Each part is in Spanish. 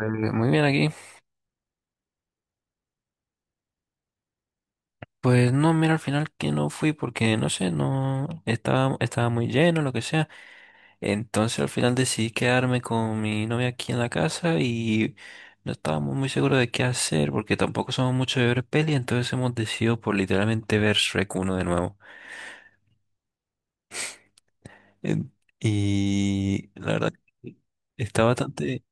Muy bien aquí. Pues no, mira, al final que no fui porque no sé, no estaba, estaba muy lleno, lo que sea. Entonces al final decidí quedarme con mi novia aquí en la casa y no estábamos muy seguros de qué hacer porque tampoco somos mucho de ver peli, entonces hemos decidido por literalmente ver Shrek uno de nuevo. En- Y la verdad que está bastante.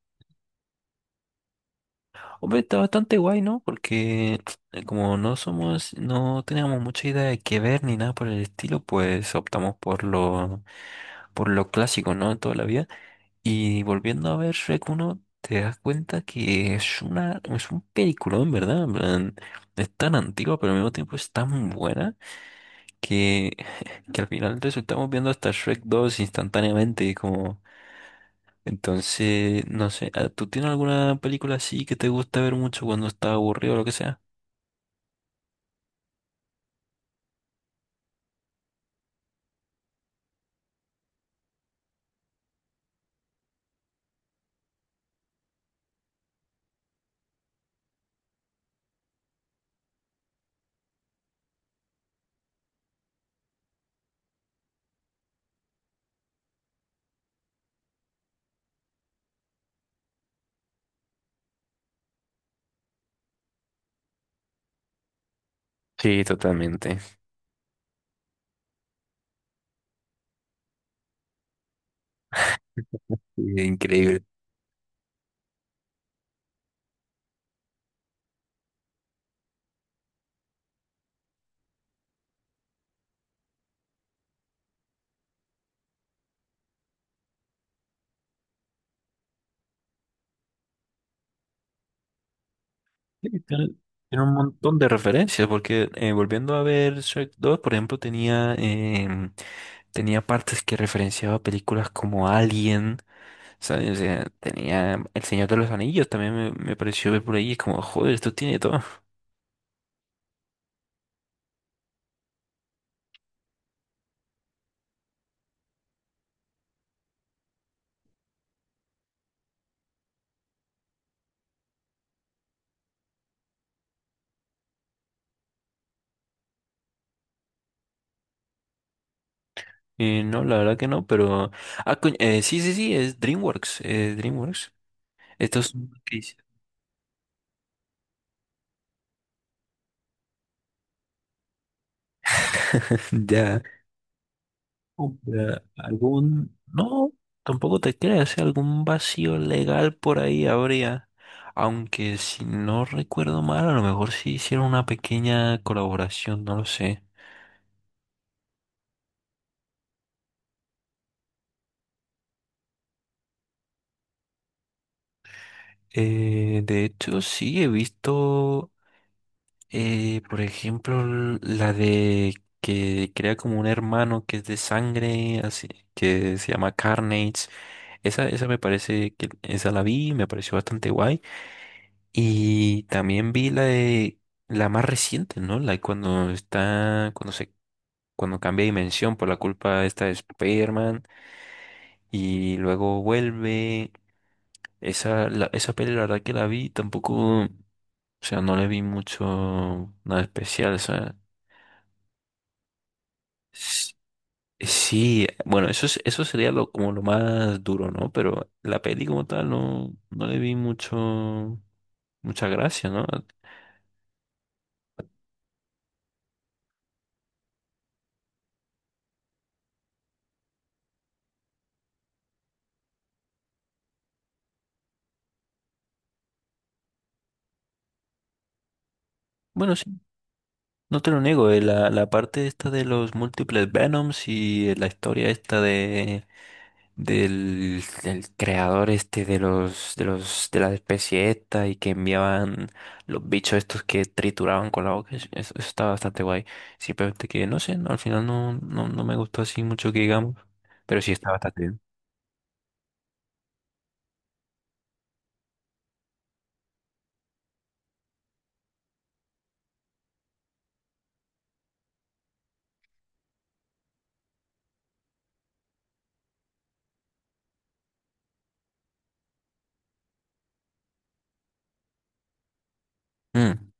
Hombre, está bastante guay, ¿no? Porque como no teníamos mucha idea de qué ver ni nada por el estilo, pues optamos por lo clásico, ¿no? Toda la vida. Y volviendo a ver Shrek uno, te das cuenta que es un peliculón, ¿verdad? En plan, es tan antigua, pero al mismo tiempo es tan buena que, que al final resultamos viendo hasta Shrek dos instantáneamente, y como. Entonces, no sé, ¿tú tienes alguna película así que te gusta ver mucho cuando estás aburrido o lo que sea? Sí, totalmente. Sí, increíble. Sí, tiene un montón de referencias, porque volviendo a ver Shrek dos, por ejemplo, tenía partes que referenciaba películas como Alien, ¿sabes? O sea, tenía El Señor de los Anillos, también me pareció ver por ahí, es como, joder, esto tiene todo. Y no, la verdad que no, pero. Ah, coño, sí, sí, sí, es DreamWorks. Estos son los que Ya. No, tampoco te creas, ¿eh? Algún vacío legal por ahí habría. Aunque si no recuerdo mal, a lo mejor sí hicieron una pequeña colaboración, no lo sé. De hecho, sí he visto, por ejemplo, la de que crea como un hermano que es de sangre, así que se llama Carnage. Esa me parece que esa la vi, me pareció bastante guay. Y también vi la de la más reciente, ¿no? La cuando cuando cambia de dimensión por la culpa esta de Spider-Man y luego vuelve. Esa, esa peli, la verdad que la vi, tampoco, o sea, no le vi mucho nada especial, o sea, s- sí, bueno, eso es, eso sería lo, como lo más duro, ¿no? Pero la peli como tal no, no le vi mucha gracia, ¿no? Bueno, sí. No te lo niego, la, la parte esta de los múltiples Venoms y la historia esta del creador este de los de los de la especie esta y que enviaban los bichos estos que trituraban con la boca, eso está bastante guay. Simplemente que no sé, no, al final no me gustó así mucho que digamos, pero sí está bastante bien. Mm,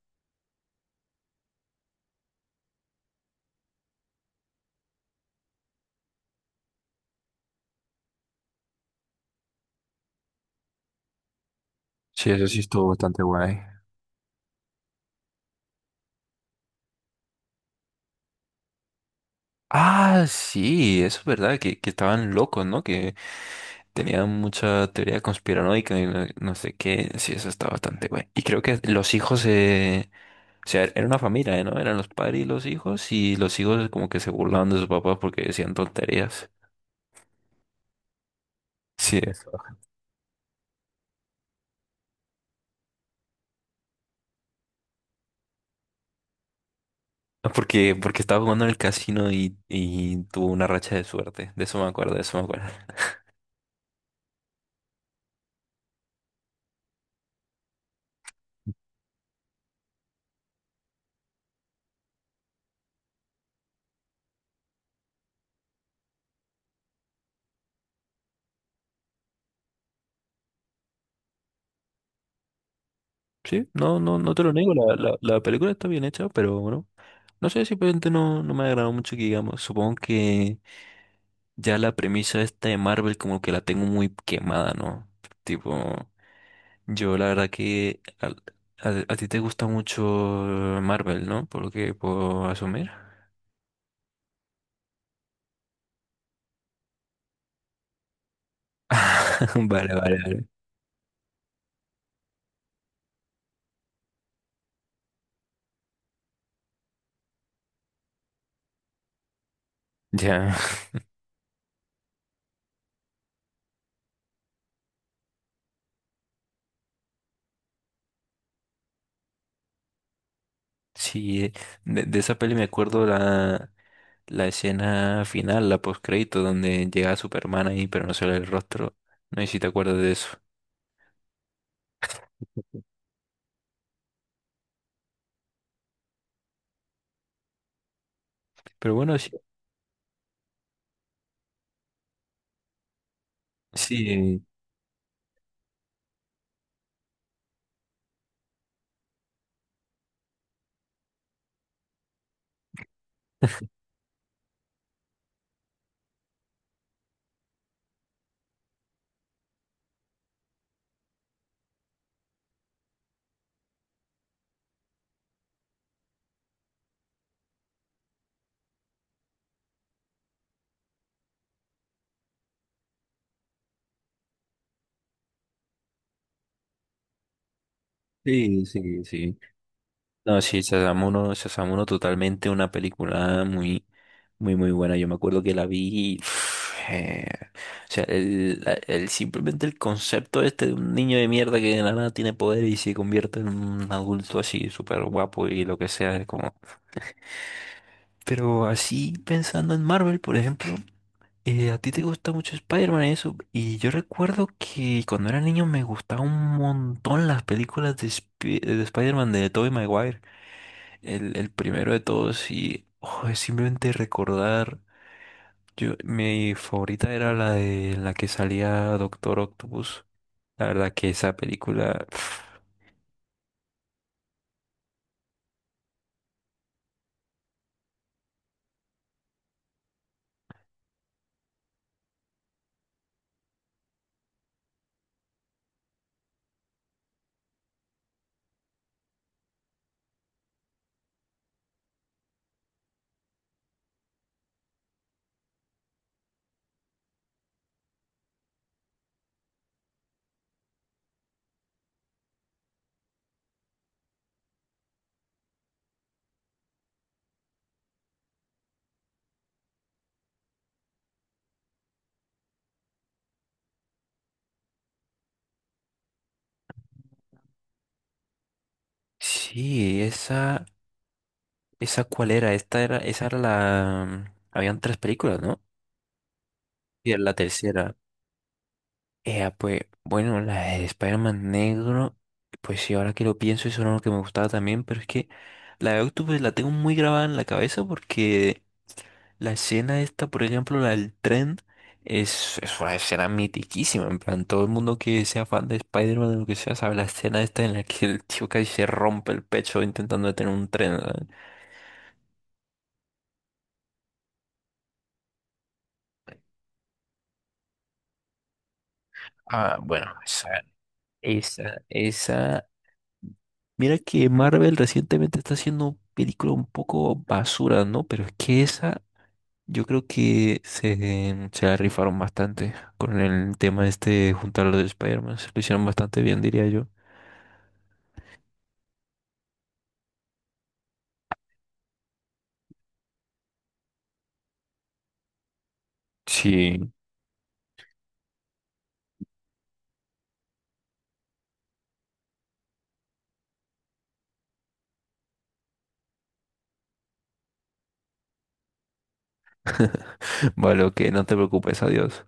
sí, eso sí estuvo bastante guay. Ah, sí, eso es verdad, que estaban locos, ¿no? Que tenía mucha teoría conspiranoica y no sé qué. Sí, eso está bastante güey. Y creo que los hijos, o sea, era una familia, ¿no? Eran los padres y los hijos. Y los hijos como que se burlaban de sus papás porque decían tonterías. Sí, eso. Porque estaba jugando en el casino y tuvo una racha de suerte. De eso me acuerdo, de eso me acuerdo. Sí, no, no te lo niego. La película está bien hecha, pero bueno. No sé, simplemente no me agradó mucho que digamos. Supongo que ya la premisa esta de Marvel como que la tengo muy quemada, ¿no? Tipo, yo la verdad que a ti te gusta mucho Marvel, ¿no? Por lo que puedo asumir. Vale, vale, vale. Ya. Sí, de esa peli me acuerdo la escena final, la postcrédito, donde llega Superman ahí, pero no se le ve el rostro. No sé si te acuerdas de eso. Pero bueno, sí. Sí, sí, sí, sí. No, sí, Sasamuno totalmente una película muy, muy, muy buena. Yo me acuerdo que la vi y, uf, o sea, simplemente el concepto este de un niño de mierda que de la nada tiene poder y se convierte en un adulto así súper guapo y lo que sea, es como. Pero así pensando en Marvel, por ejemplo, a ti te gusta mucho Spider-Man y eso, y yo recuerdo que cuando era niño me gustaban un montón las películas de Spider-Man de Tobey Maguire. El primero de todos y oh, es simplemente recordar. Yo, mi favorita era la de la que salía Doctor Octopus. La verdad que esa película. Sí, esa. ¿Esa cuál era? Esta era, esa era la. Habían tres películas, ¿no? Y era la tercera. Pues, bueno, la de Spider-Man negro. Pues sí, ahora que lo pienso, eso era lo que me gustaba también. Pero es que la de Octopus la tengo muy grabada en la cabeza porque. La escena esta, por ejemplo, la del tren, es una escena mitiquísima. En plan, todo el mundo que sea fan de Spider-Man o lo que sea sabe la escena esta en la que el tío casi se rompe el pecho intentando detener un tren. ¿Sabes? Ah, bueno, esa, esa, esa. Mira que Marvel recientemente está haciendo películas un poco basura, ¿no? Pero es que esa, yo creo que se la rifaron bastante con el tema este de juntar los Spider-Man. Se lo hicieron bastante bien, diría yo. Sí, vale, ok, no te preocupes, adiós.